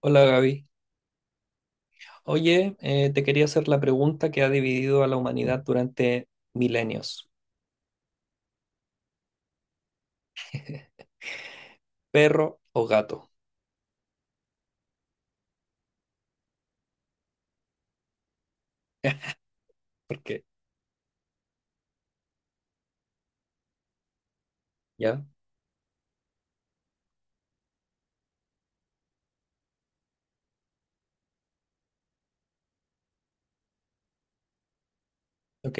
Hola Gaby. Oye, te quería hacer la pregunta que ha dividido a la humanidad durante milenios. ¿Perro o gato? ¿Por qué? ¿Ya? Ok,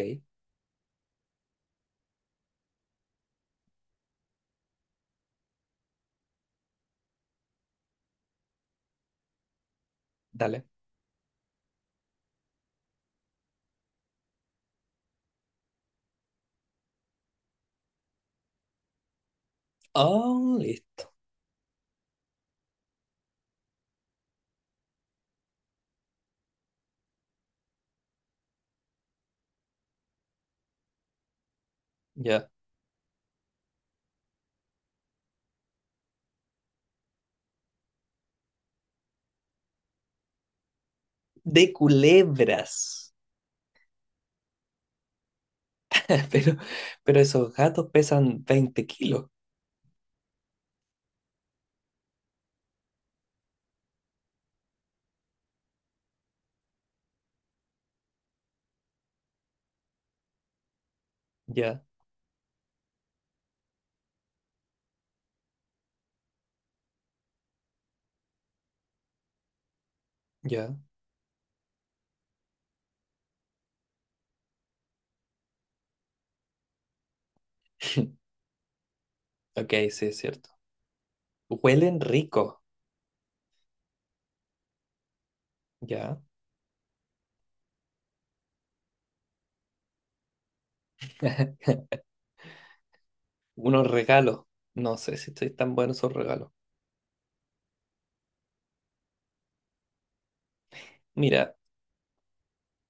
dale. Oh, listo. Ya. De culebras. Pero, pero esos gatos pesan 20 kilos. Ya, ya. Ok, sí, es cierto. Huelen rico. Ya. Unos regalos. No sé si estoy tan buenos esos regalos. Mira,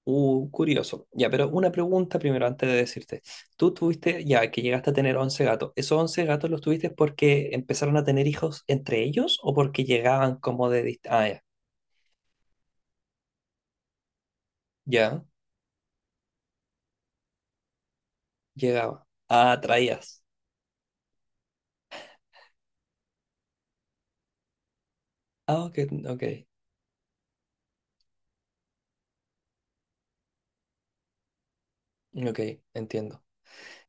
Curioso. Ya, pero una pregunta primero antes de decirte. Tú tuviste, ya que llegaste a tener 11 gatos, ¿esos 11 gatos los tuviste porque empezaron a tener hijos entre ellos o porque llegaban como de Ah, ya, ya, llegaba. Ah, traías. Ah, ok, ok, ok, entiendo.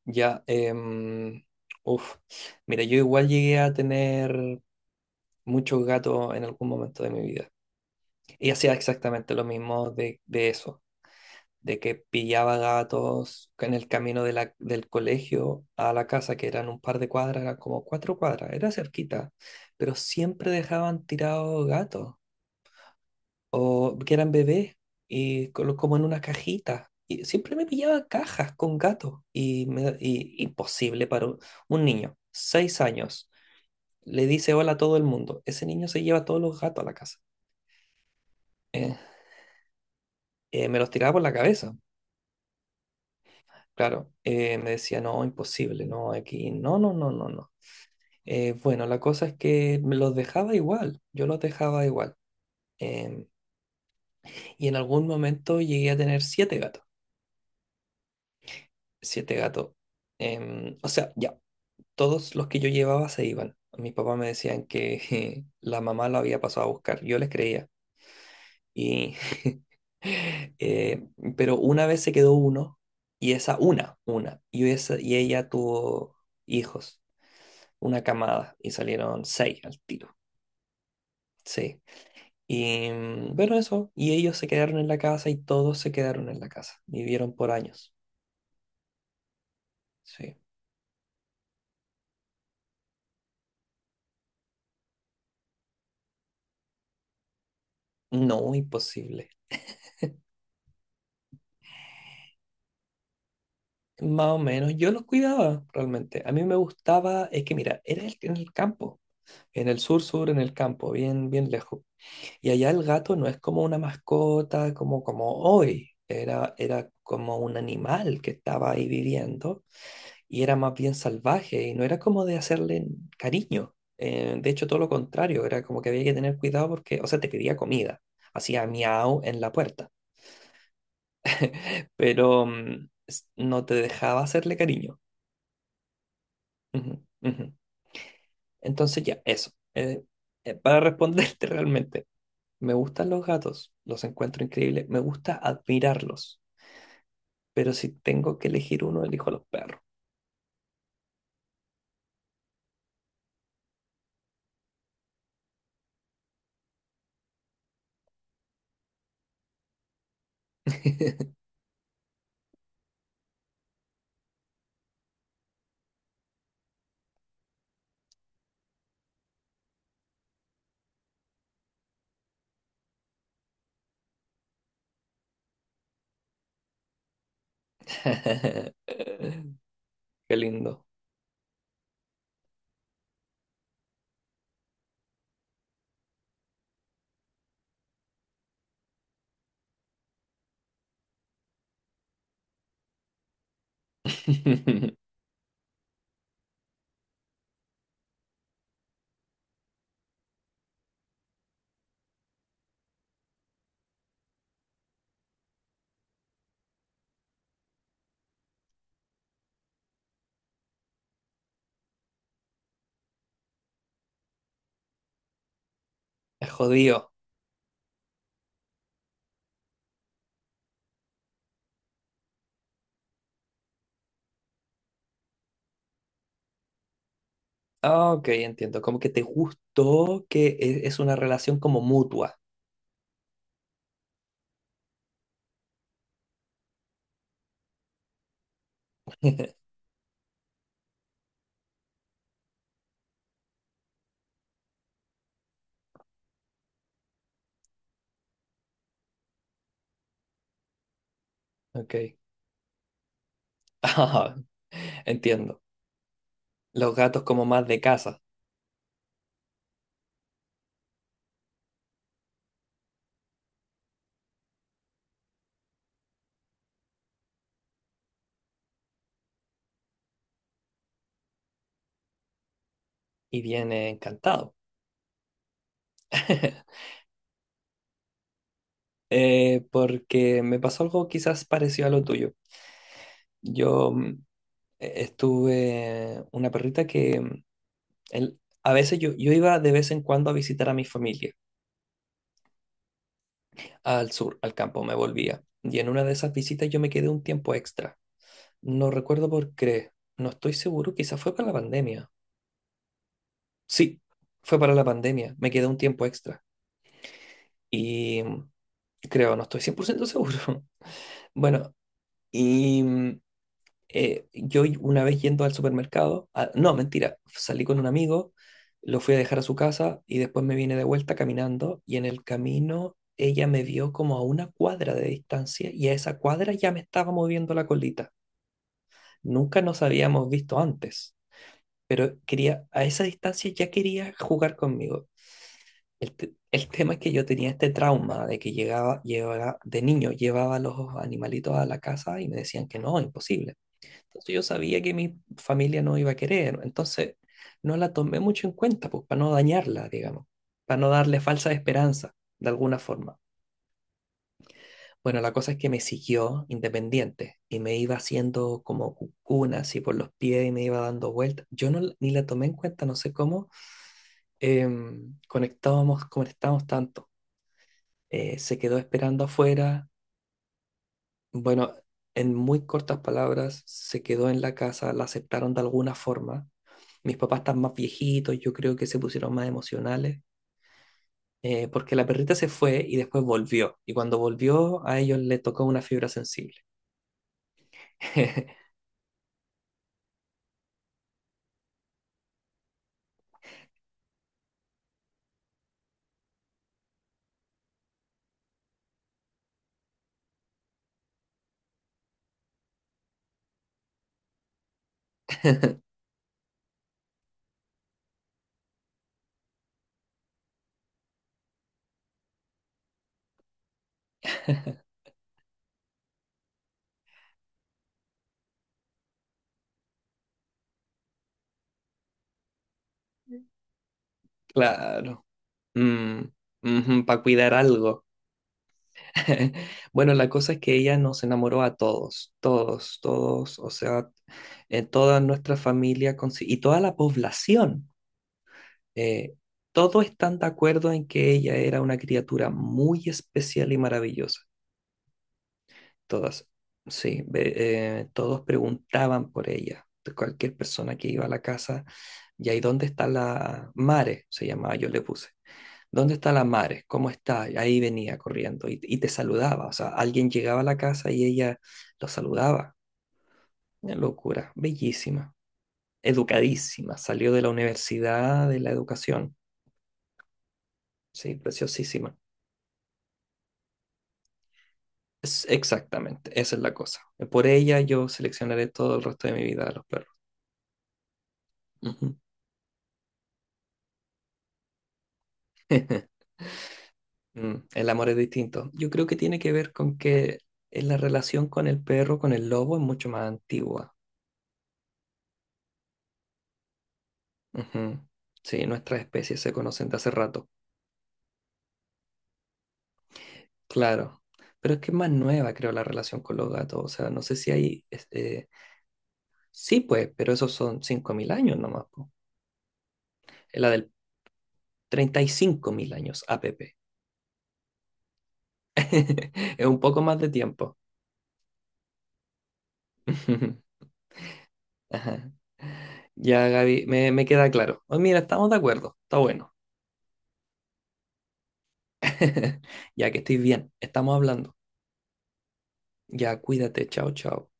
Ya, uf. Mira, yo igual llegué a tener muchos gatos en algún momento de mi vida. Y hacía exactamente lo mismo de eso. De que pillaba gatos en el camino de del colegio a la casa, que eran un par de cuadras, eran como 4 cuadras, era cerquita, pero siempre dejaban tirados gatos, o que eran bebés, y como en unas cajitas. Y siempre me pillaba cajas con gatos, y, imposible para un, niño, 6 años, le dice hola a todo el mundo, ese niño se lleva todos los gatos a la casa. Eh, me los tiraba por la cabeza. Claro, me decía, no, imposible, no, aquí, no, no, no, no, no. Bueno, la cosa es que me los dejaba igual, yo los dejaba igual. Em, y en algún momento llegué a tener siete gatos, siete gatos. O sea, ya, todos los que yo llevaba se iban. Mis papás me decían que la mamá lo había pasado a buscar, yo les creía. Y, eh, pero una vez se quedó uno, y esa, y ella tuvo hijos. Una camada y salieron seis al tiro. Sí. Y bueno, eso. Y ellos se quedaron en la casa y todos se quedaron en la casa. Vivieron por años. Sí. No, imposible. Más o menos. Yo los cuidaba realmente. A mí me gustaba, es que mira, era en el campo. En el sur sur, en el campo, bien, bien lejos. Y allá el gato no es como una mascota, como hoy. Era como un animal que estaba ahí viviendo y era más bien salvaje y no era como de hacerle cariño. De hecho, todo lo contrario, era como que había que tener cuidado porque, o sea, te pedía comida, hacía miau en la puerta, pero no te dejaba hacerle cariño. Ujú, ujú. Entonces ya, eso. Para responderte realmente, me gustan los gatos, los encuentro increíbles, me gusta admirarlos, pero si tengo que elegir uno, elijo a los perros. Qué lindo. Es jodido. Ah, ok, entiendo. Como que te gustó que es una relación como mutua. Ok. Ah, entiendo. Los gatos como más de casa. Y viene encantado. Porque me pasó algo quizás parecido a lo tuyo. Yo estuve una perrita que a veces yo iba de vez en cuando a visitar a mi familia al sur, al campo, me volvía. Y en una de esas visitas yo me quedé un tiempo extra. No recuerdo por qué. No estoy seguro. Quizás fue para la pandemia. Sí, fue para la pandemia. Me quedé un tiempo extra. Y creo, no estoy 100% seguro. Bueno, y yo una vez yendo al supermercado, ah, no, mentira, salí con un amigo, lo fui a dejar a su casa y después me vine de vuelta caminando y en el camino ella me vio como a una cuadra de distancia y a esa cuadra ya me estaba moviendo la colita. Nunca nos habíamos visto antes. Pero quería, a esa distancia ya quería jugar conmigo. El tema es que yo tenía este trauma de que llegaba, llevaba, de niño llevaba los animalitos a la casa y me decían que no, imposible. Entonces yo sabía que mi familia no iba a querer, entonces no la tomé mucho en cuenta, pues para no dañarla, digamos, para no darle falsa esperanza, de alguna forma. Bueno, la cosa es que me siguió independiente y me iba haciendo como cucuna así por los pies y me iba dando vueltas. Yo no, ni la tomé en cuenta, no sé cómo, conectábamos, conectamos tanto. Se quedó esperando afuera. Bueno, en muy cortas palabras, se quedó en la casa, la aceptaron de alguna forma. Mis papás están más viejitos, yo creo que se pusieron más emocionales, porque la perrita se fue y después volvió. Y cuando volvió, a ellos le tocó una fibra sensible. Claro. Mm, para cuidar algo. Bueno, la cosa es que ella nos enamoró a todos, todos, todos, o sea, toda nuestra familia y toda la población. eh, todos están de acuerdo en que ella era una criatura muy especial y maravillosa. Todas, sí, todos preguntaban por ella. De cualquier persona que iba a la casa, y ahí dónde está la Mare, se llamaba, yo le puse. ¿Dónde está la Mares? ¿Cómo está? Y ahí venía corriendo y te saludaba. O sea, alguien llegaba a la casa y ella lo saludaba. Una locura, bellísima, educadísima. Salió de la universidad de la educación. Sí, preciosísima. Exactamente, esa es la cosa. Por ella yo seleccionaré todo el resto de mi vida a los perros. Ujú. El amor es distinto. Yo creo que tiene que ver con que la relación con el perro, con el lobo, es mucho más antigua. Ujú. Sí, nuestras especies se conocen de hace rato. Claro, pero es que es más nueva, creo, la relación con los gatos. O sea, no sé si hay, este, sí, pues, pero esos son 5000 años nomás, po. Es la del 35 000 años, a APP. Es un poco más de tiempo. Ajá. Ya, Gaby, me queda claro. Oh, mira, estamos de acuerdo, está bueno. Ya que estoy bien, estamos hablando. Ya, cuídate, chao, chao.